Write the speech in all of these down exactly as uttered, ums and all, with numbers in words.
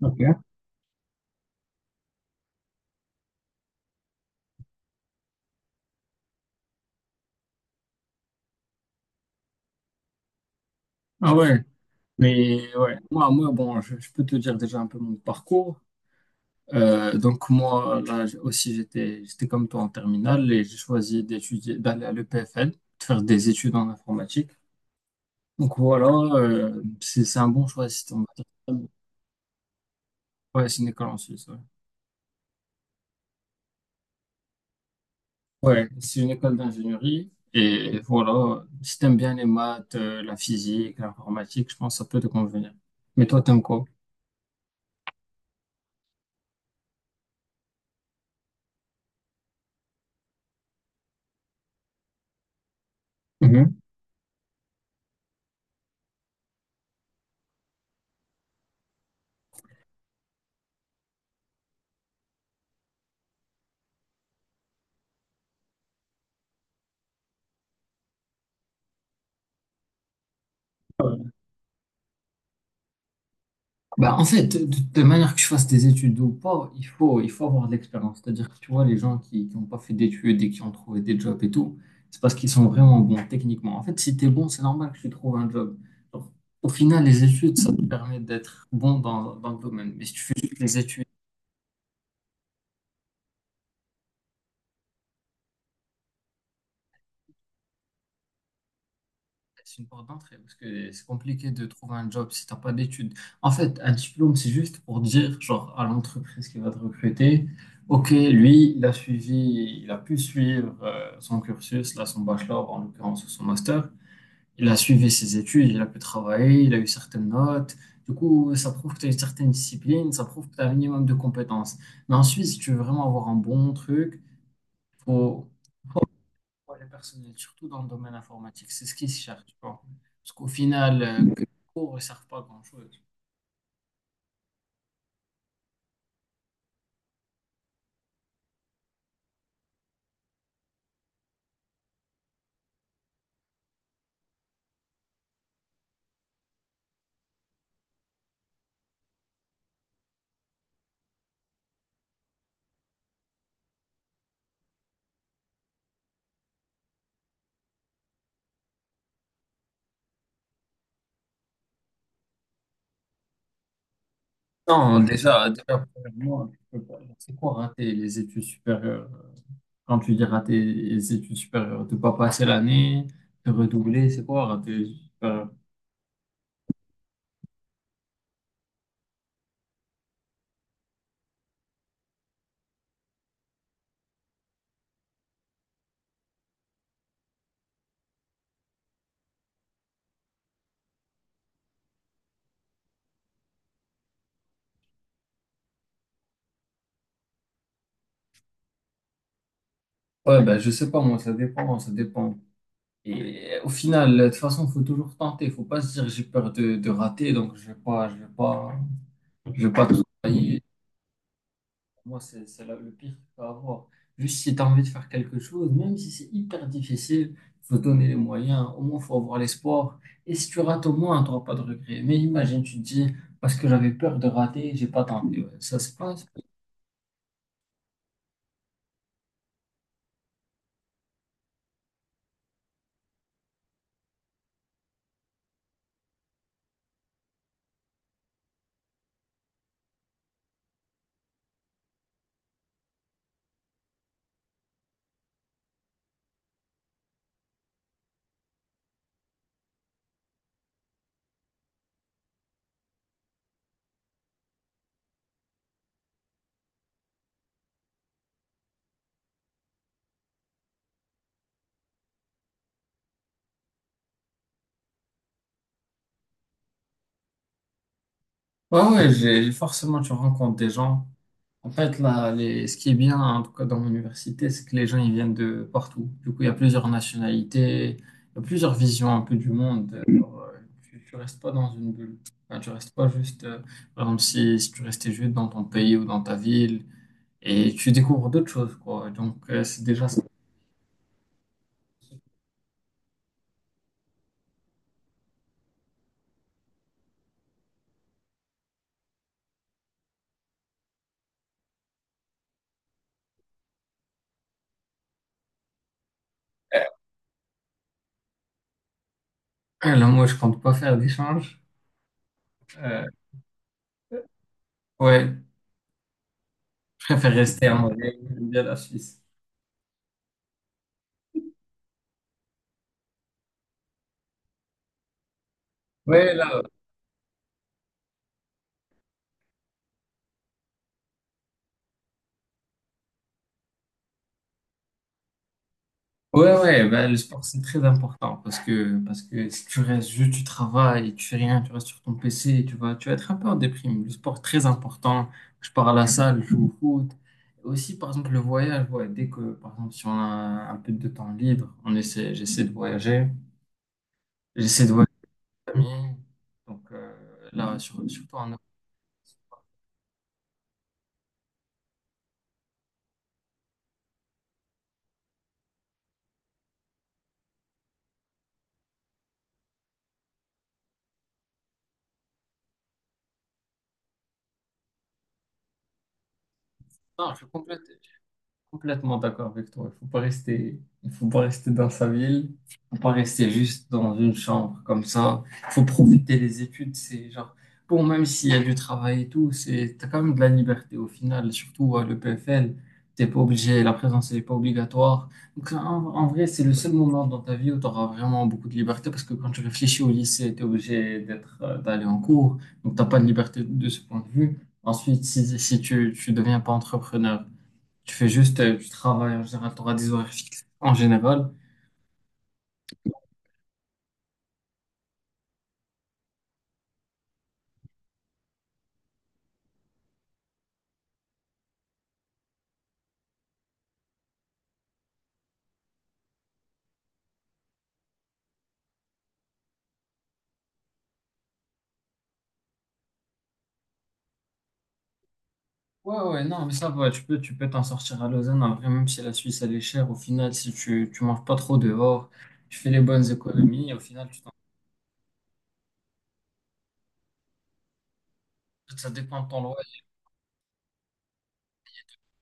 Ok. Ah ouais, mais ouais, moi, moi bon, je, je peux te dire déjà un peu mon parcours. Euh, donc moi, là j- aussi, j'étais j'étais comme toi en terminale et j'ai choisi d'étudier, d'aller à l'E P F L, de faire des études en informatique. Donc voilà, euh, c'est c'est un bon choix si t'es en terminale. Ouais, c'est une école en Suisse. Ouais, ouais, c'est une école d'ingénierie et voilà, si t'aimes bien les maths, euh, la physique, l'informatique, je pense que ça peut te convenir. Mais toi, t'aimes quoi? Bah, en fait, de, de manière que je fasse des études ou pas, il faut, il faut avoir de l'expérience. C'est-à-dire que tu vois, les gens qui n'ont pas fait d'études et qui ont trouvé des jobs et tout, c'est parce qu'ils sont vraiment bons techniquement. En fait, si tu es bon, c'est normal que tu trouves un job. Donc, au final, les études, ça te permet d'être bon dans, dans le domaine. Mais si tu fais juste les études, c'est une porte d'entrée parce que c'est compliqué de trouver un job si t'as pas d'études. En fait, un diplôme, c'est juste pour dire, genre, à l'entreprise qui va te recruter, ok, lui, il a suivi, il a pu suivre euh, son cursus, là, son bachelor, en l'occurrence, ou son master. Il a suivi ses études, il a pu travailler, il a eu certaines notes. Du coup, ça prouve que tu as une certaine discipline, ça prouve que tu as un minimum de compétences. Mais ensuite, si tu veux vraiment avoir un bon truc, faut ouais, le personnel, surtout dans le domaine informatique, c'est ce qui se cherche, tu vois. Parce qu'au final, euh, que les cours ne servent pas à grand-chose. Non, déjà, déjà, premièrement, tu peux pas- c'est quoi rater les études supérieures? Quand tu dis rater les études supérieures, de pas passer l'année, de redoubler, c'est quoi rater les études supérieures? Ouais, ben, je sais pas, moi, ça dépend, ça dépend. Et au final, de toute façon, faut toujours tenter. Faut pas se dire j'ai peur de, de rater, donc je vais pas, je vais pas, je vais pas travailler. Moi, c'est c'est la- le pire que tu peux avoir. Juste si tu as envie de faire quelque chose, même si c'est hyper difficile, faut donner les moyens. Au moins, faut avoir l'espoir. Et si tu rates, au moins, tu n'auras pas de regret. Mais imagine, tu te dis, parce que j'avais peur de rater, j'ai pas tenté. Ouais, ça, c'est pas. Ouais, ouais, j'ai j'ai- forcément, tu rencontres des gens. En fait, là, les... ce qui est bien, en tout cas dans mon université, c'est que les gens, ils viennent de partout. Du coup, il y a plusieurs nationalités, il y a plusieurs visions un peu du monde. Alors, euh, tu, tu restes pas dans une bulle. Enfin, tu restes pas juste, euh, par exemple, si, si tu restais juste dans ton pays ou dans ta ville, et tu découvres d'autres choses, quoi. Donc, euh, c'est déjà ça. Euh, Là, moi, je compte pas faire d'échange. Euh, ouais, je préfère rester en vrai, j'aime bien la Suisse. Ouais, là, ouais, ouais, ben, le sport, c'est très important parce que, parce que si tu restes juste, tu travailles, tu fais rien, tu restes sur ton P C, tu vas, tu vas être un peu en déprime. Le sport, très important. Je pars à la salle, je joue au foot. Aussi, par exemple, le voyage, ouais, dès que, par exemple, si on a un peu de temps libre, on essaie, j'essaie de voyager. J'essaie de voyager avec mes amis. Donc, euh, là, sur- surtout en Europe, je complète. Complètement d'accord avec toi. Il faut pas rester, il faut pas rester dans sa ville. Il faut pas rester juste dans une chambre comme ça. Il faut profiter des études. C'est genre, bon, même s'il y a du travail et tout, c'est, t'as quand même de la liberté au final. Surtout à le P F L, t'es pas obligé, la présence n'est pas obligatoire. Donc, en, en vrai, c'est le seul moment dans ta vie où tu auras vraiment beaucoup de liberté parce que quand tu réfléchis au lycée, tu es obligé d'être, euh, d'aller en cours. Donc, t'as pas de liberté de ce point de vue. Ensuite, si, si tu, tu deviens pas entrepreneur, tu fais juste euh, du travail en général, tu auras des horaires fixes en général. Ouais, ouais, non, mais ça va, tu peux, tu peux t'en sortir à Lausanne. En vrai, même si la Suisse, elle est chère, au final, si tu, tu manges pas trop dehors, tu fais les bonnes économies, au final, tu t'en... ça dépend de ton loyer,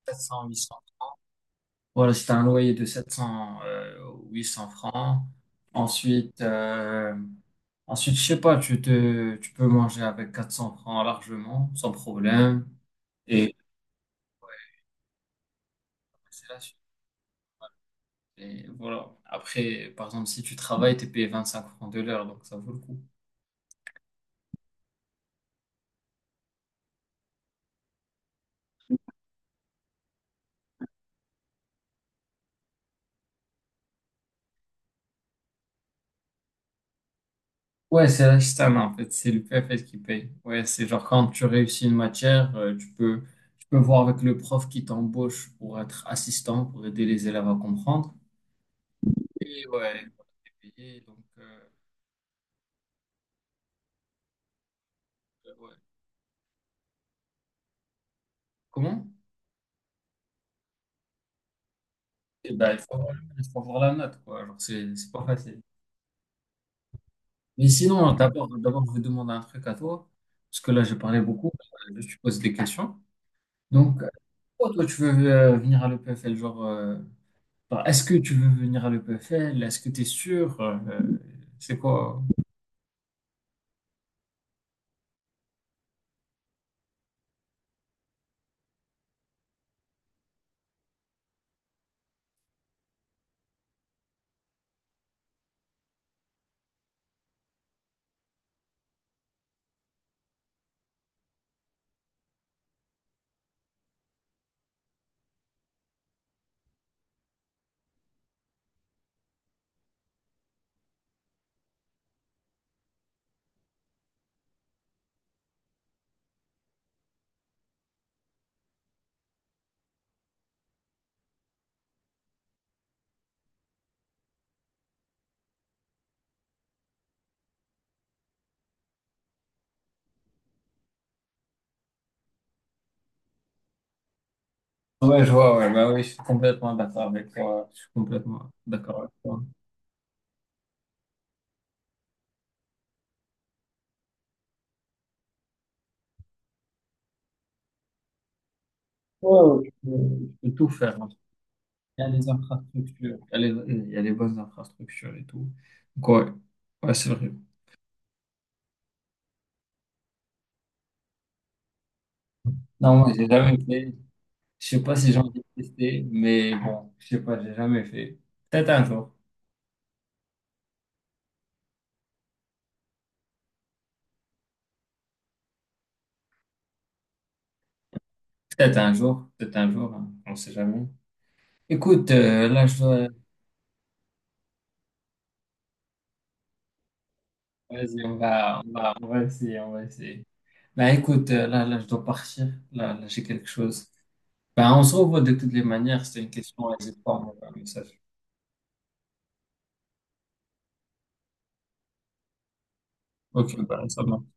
sept cents, huit cents francs. Voilà, si tu as un loyer de sept cents, euh, huit cents francs, ensuite, euh, ensuite, je sais pas, tu te, tu peux manger avec quatre cents francs largement, sans problème. Et c'est là et voilà. Après, par exemple, si tu travailles, t'es payé vingt-cinq francs de l'heure, donc ça vaut le coup. Ouais, c'est l'Ashtan, en fait. C'est le P F L qui paye. Ouais, c'est genre quand tu réussis une matière, euh, tu peux, tu peux voir avec le prof qui t'embauche pour être assistant, pour aider les élèves à comprendre. Et ouais, t'es donc, euh, ouais. Comment? Eh ben, il faut avoir, il faut avoir la note, quoi. Genre, c'est, c'est pas facile. Mais sinon, d'abord, d'abord, je vais demander un truc à toi, parce que là, j'ai parlé beaucoup. euh, Je te pose des questions. Donc, pourquoi toi, tu veux euh, venir à le l'E P F L? Genre, euh, enfin, est-ce que tu veux venir à le l'E P F L? Est-ce que tu es sûr? Euh, c'est quoi? Ouais, je vois, ouais, bah oui, je suis complètement d'accord avec toi. Je suis complètement d'accord avec toi. Ouais, ouais, je peux, je peux tout faire, hein. Il y a les infrastructures, il y a les, il y a les bonnes infrastructures et tout. Donc, ouais, ouais, c'est vrai. Non, moi, j'ai jamais fait. Je sais pas si j'ai envie de tester, mais bon, je sais pas, j'ai jamais fait. Peut-être un jour. Peut-être un jour, peut-être un jour, hein, on sait jamais. Écoute, euh, là, je dois... Vas-y, on va, on va, on va essayer, on va essayer. Là, écoute, euh, là, là, je dois partir. Là, là, j'ai quelque chose. Ben, on se revoit de toutes les manières. C'était une question, n'hésite pas à m'envoyer un message. Ok, ben, ça marche.